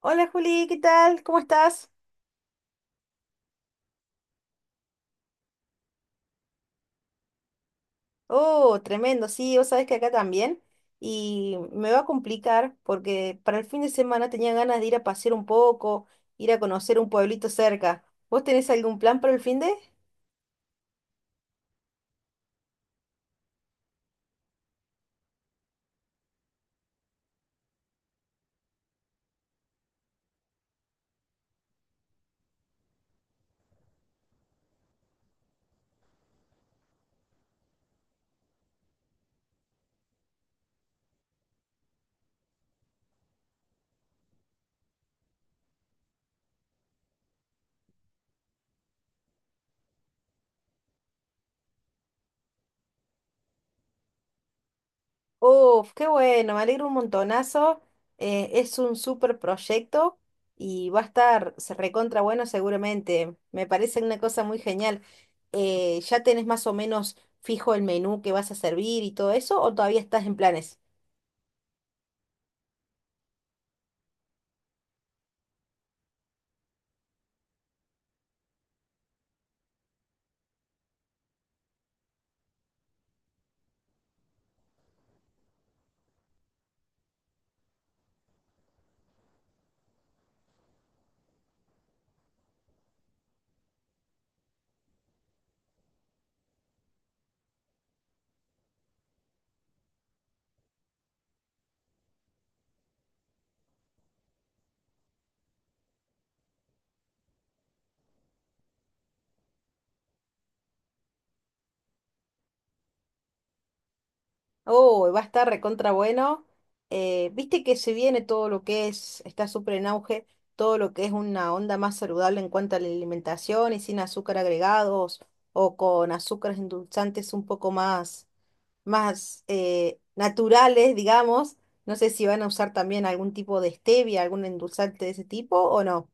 Hola Juli, ¿qué tal? ¿Cómo estás? Oh, tremendo, sí, vos sabés que acá también. Y me va a complicar porque para el fin de semana tenía ganas de ir a pasear un poco, ir a conocer un pueblito cerca. ¿Vos tenés algún plan para el fin de? Oh, qué bueno, me alegro un montonazo. Es un súper proyecto y va a estar se recontra bueno seguramente. Me parece una cosa muy genial. ¿Ya tenés más o menos fijo el menú que vas a servir y todo eso o todavía estás en planes? Oh, va a estar recontra bueno. Viste que se viene todo lo que es, está súper en auge, todo lo que es una onda más saludable en cuanto a la alimentación y sin azúcar agregados o con azúcares endulzantes un poco más, más naturales, digamos. No sé si van a usar también algún tipo de stevia, algún endulzante de ese tipo o no.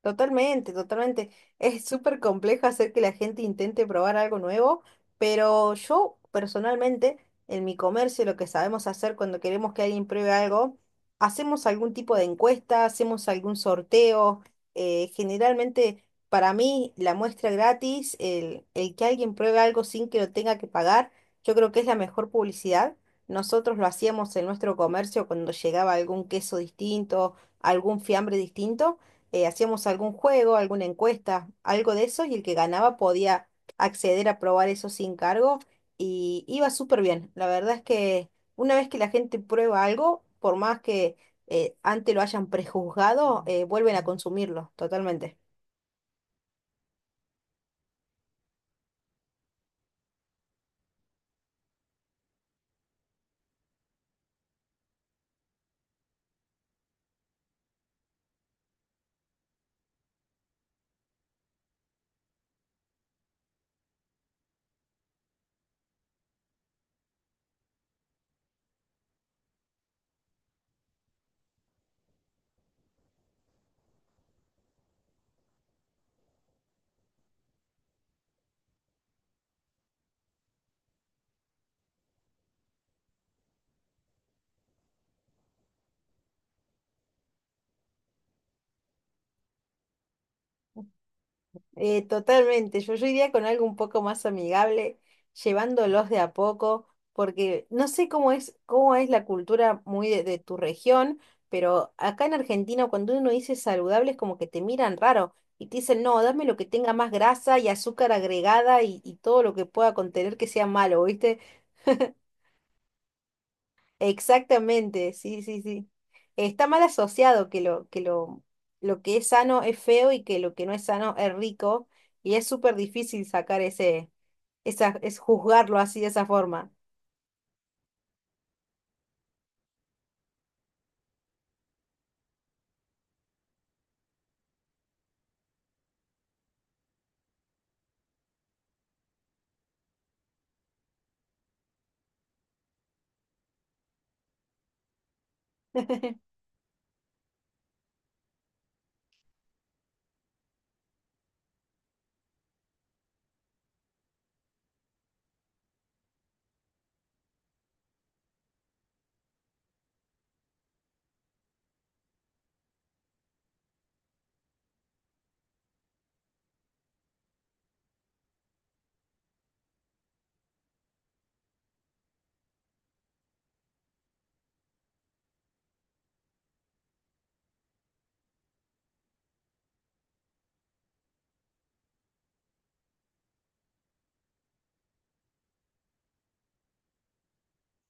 Totalmente, totalmente. Es súper complejo hacer que la gente intente probar algo nuevo, pero yo personalmente, en mi comercio, lo que sabemos hacer cuando queremos que alguien pruebe algo, hacemos algún tipo de encuesta, hacemos algún sorteo. Generalmente, para mí, la muestra gratis, el que alguien pruebe algo sin que lo tenga que pagar, yo creo que es la mejor publicidad. Nosotros lo hacíamos en nuestro comercio cuando llegaba algún queso distinto, algún fiambre distinto, hacíamos algún juego, alguna encuesta, algo de eso, y el que ganaba podía acceder a probar eso sin cargo y iba súper bien. La verdad es que una vez que la gente prueba algo, por más que antes lo hayan prejuzgado, vuelven a consumirlo totalmente. Totalmente, yo iría con algo un poco más amigable, llevándolos de a poco, porque no sé cómo es la cultura muy de tu región, pero acá en Argentina cuando uno dice saludable es como que te miran raro y te dicen, no, dame lo que tenga más grasa y azúcar agregada y todo lo que pueda contener que sea malo, ¿viste? Exactamente, sí, sí, sí. Está mal asociado que lo, lo que es sano es feo y que lo que no es sano es rico. Y es súper difícil sacar es juzgarlo así de esa forma.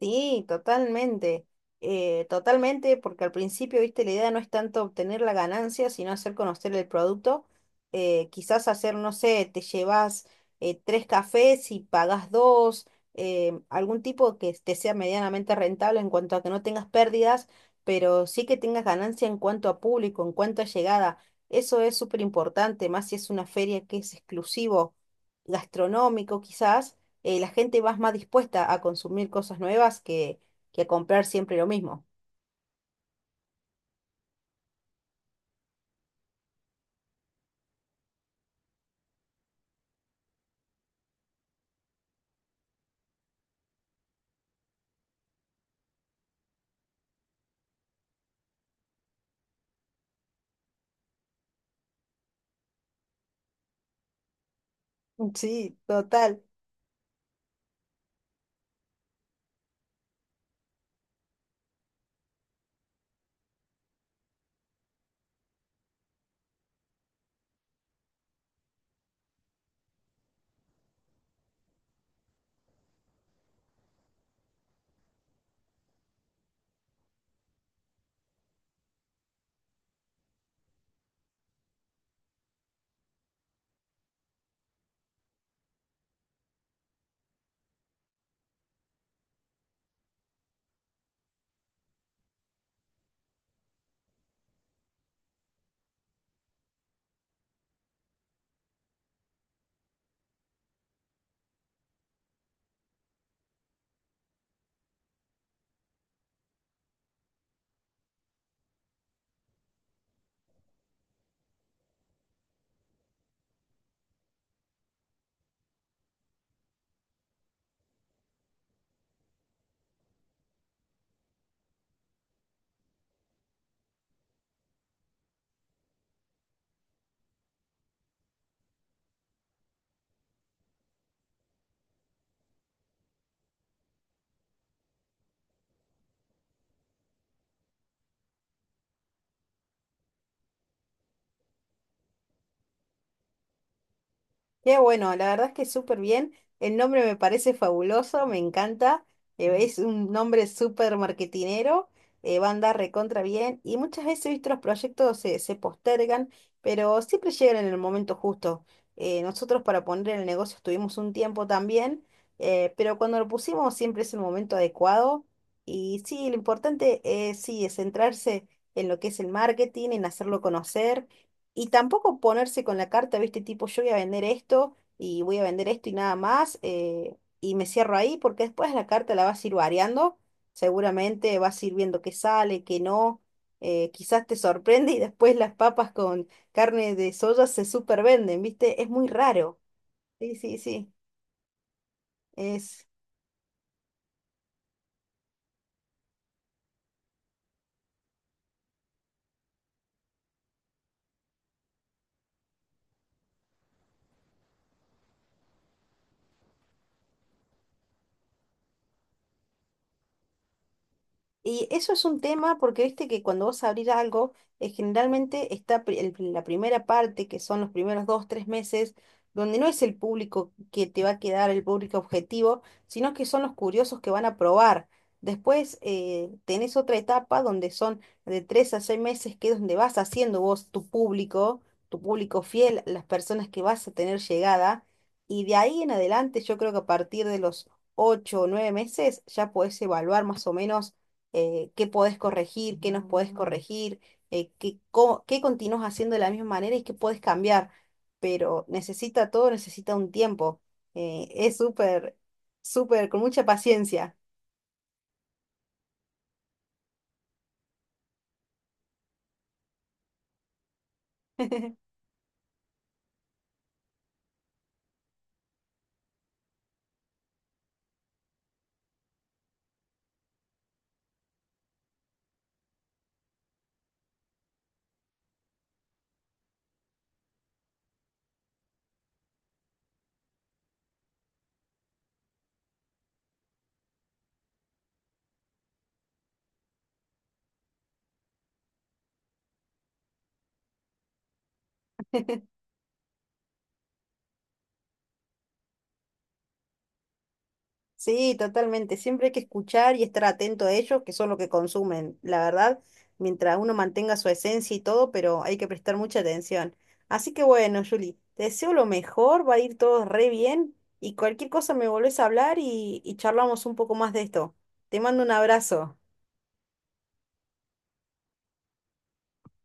Sí, totalmente, totalmente, porque al principio, viste, la idea no es tanto obtener la ganancia, sino hacer conocer el producto. Quizás hacer, no sé, te llevas tres cafés y pagas dos, algún tipo que te sea medianamente rentable en cuanto a que no tengas pérdidas, pero sí que tengas ganancia en cuanto a público, en cuanto a llegada. Eso es súper importante, más si es una feria que es exclusivo gastronómico, quizás la gente va más dispuesta a consumir cosas nuevas que a comprar siempre lo mismo. Sí, total. Qué bueno, la verdad es que súper bien. El nombre me parece fabuloso, me encanta. Es un nombre súper marketinero, va a andar recontra bien. Y muchas veces, he visto los proyectos se postergan, pero siempre llegan en el momento justo. Nosotros para poner el negocio estuvimos un tiempo también, pero cuando lo pusimos siempre es el momento adecuado. Y sí, lo importante es, sí, es centrarse en lo que es el marketing, en hacerlo conocer y tampoco ponerse con la carta, viste, tipo, yo voy a vender esto y voy a vender esto y nada más, y me cierro ahí, porque después la carta la vas a ir variando, seguramente vas a ir viendo qué sale, qué no, quizás te sorprende y después las papas con carne de soya se supervenden, viste, es muy raro. Sí, sí, sí. Y eso es un tema porque viste que cuando vas a abrir algo, generalmente está la primera parte, que son los primeros 2, 3 meses, donde no es el público que te va a quedar, el público objetivo, sino que son los curiosos que van a probar. Después tenés otra etapa donde son de 3 a 6 meses, que es donde vas haciendo vos tu público fiel, las personas que vas a tener llegada. Y de ahí en adelante, yo creo que a partir de los 8 o 9 meses ya podés evaluar más o menos qué podés corregir, qué nos podés corregir, qué, qué continúas haciendo de la misma manera y qué podés cambiar. Pero necesita todo, necesita un tiempo. Es súper, súper, con mucha paciencia. Sí, totalmente. Siempre hay que escuchar y estar atento a ellos, que son lo que consumen, la verdad, mientras uno mantenga su esencia y todo, pero hay que prestar mucha atención. Así que bueno, Juli, te deseo lo mejor, va a ir todo re bien y cualquier cosa me volvés a hablar y charlamos un poco más de esto. Te mando un abrazo.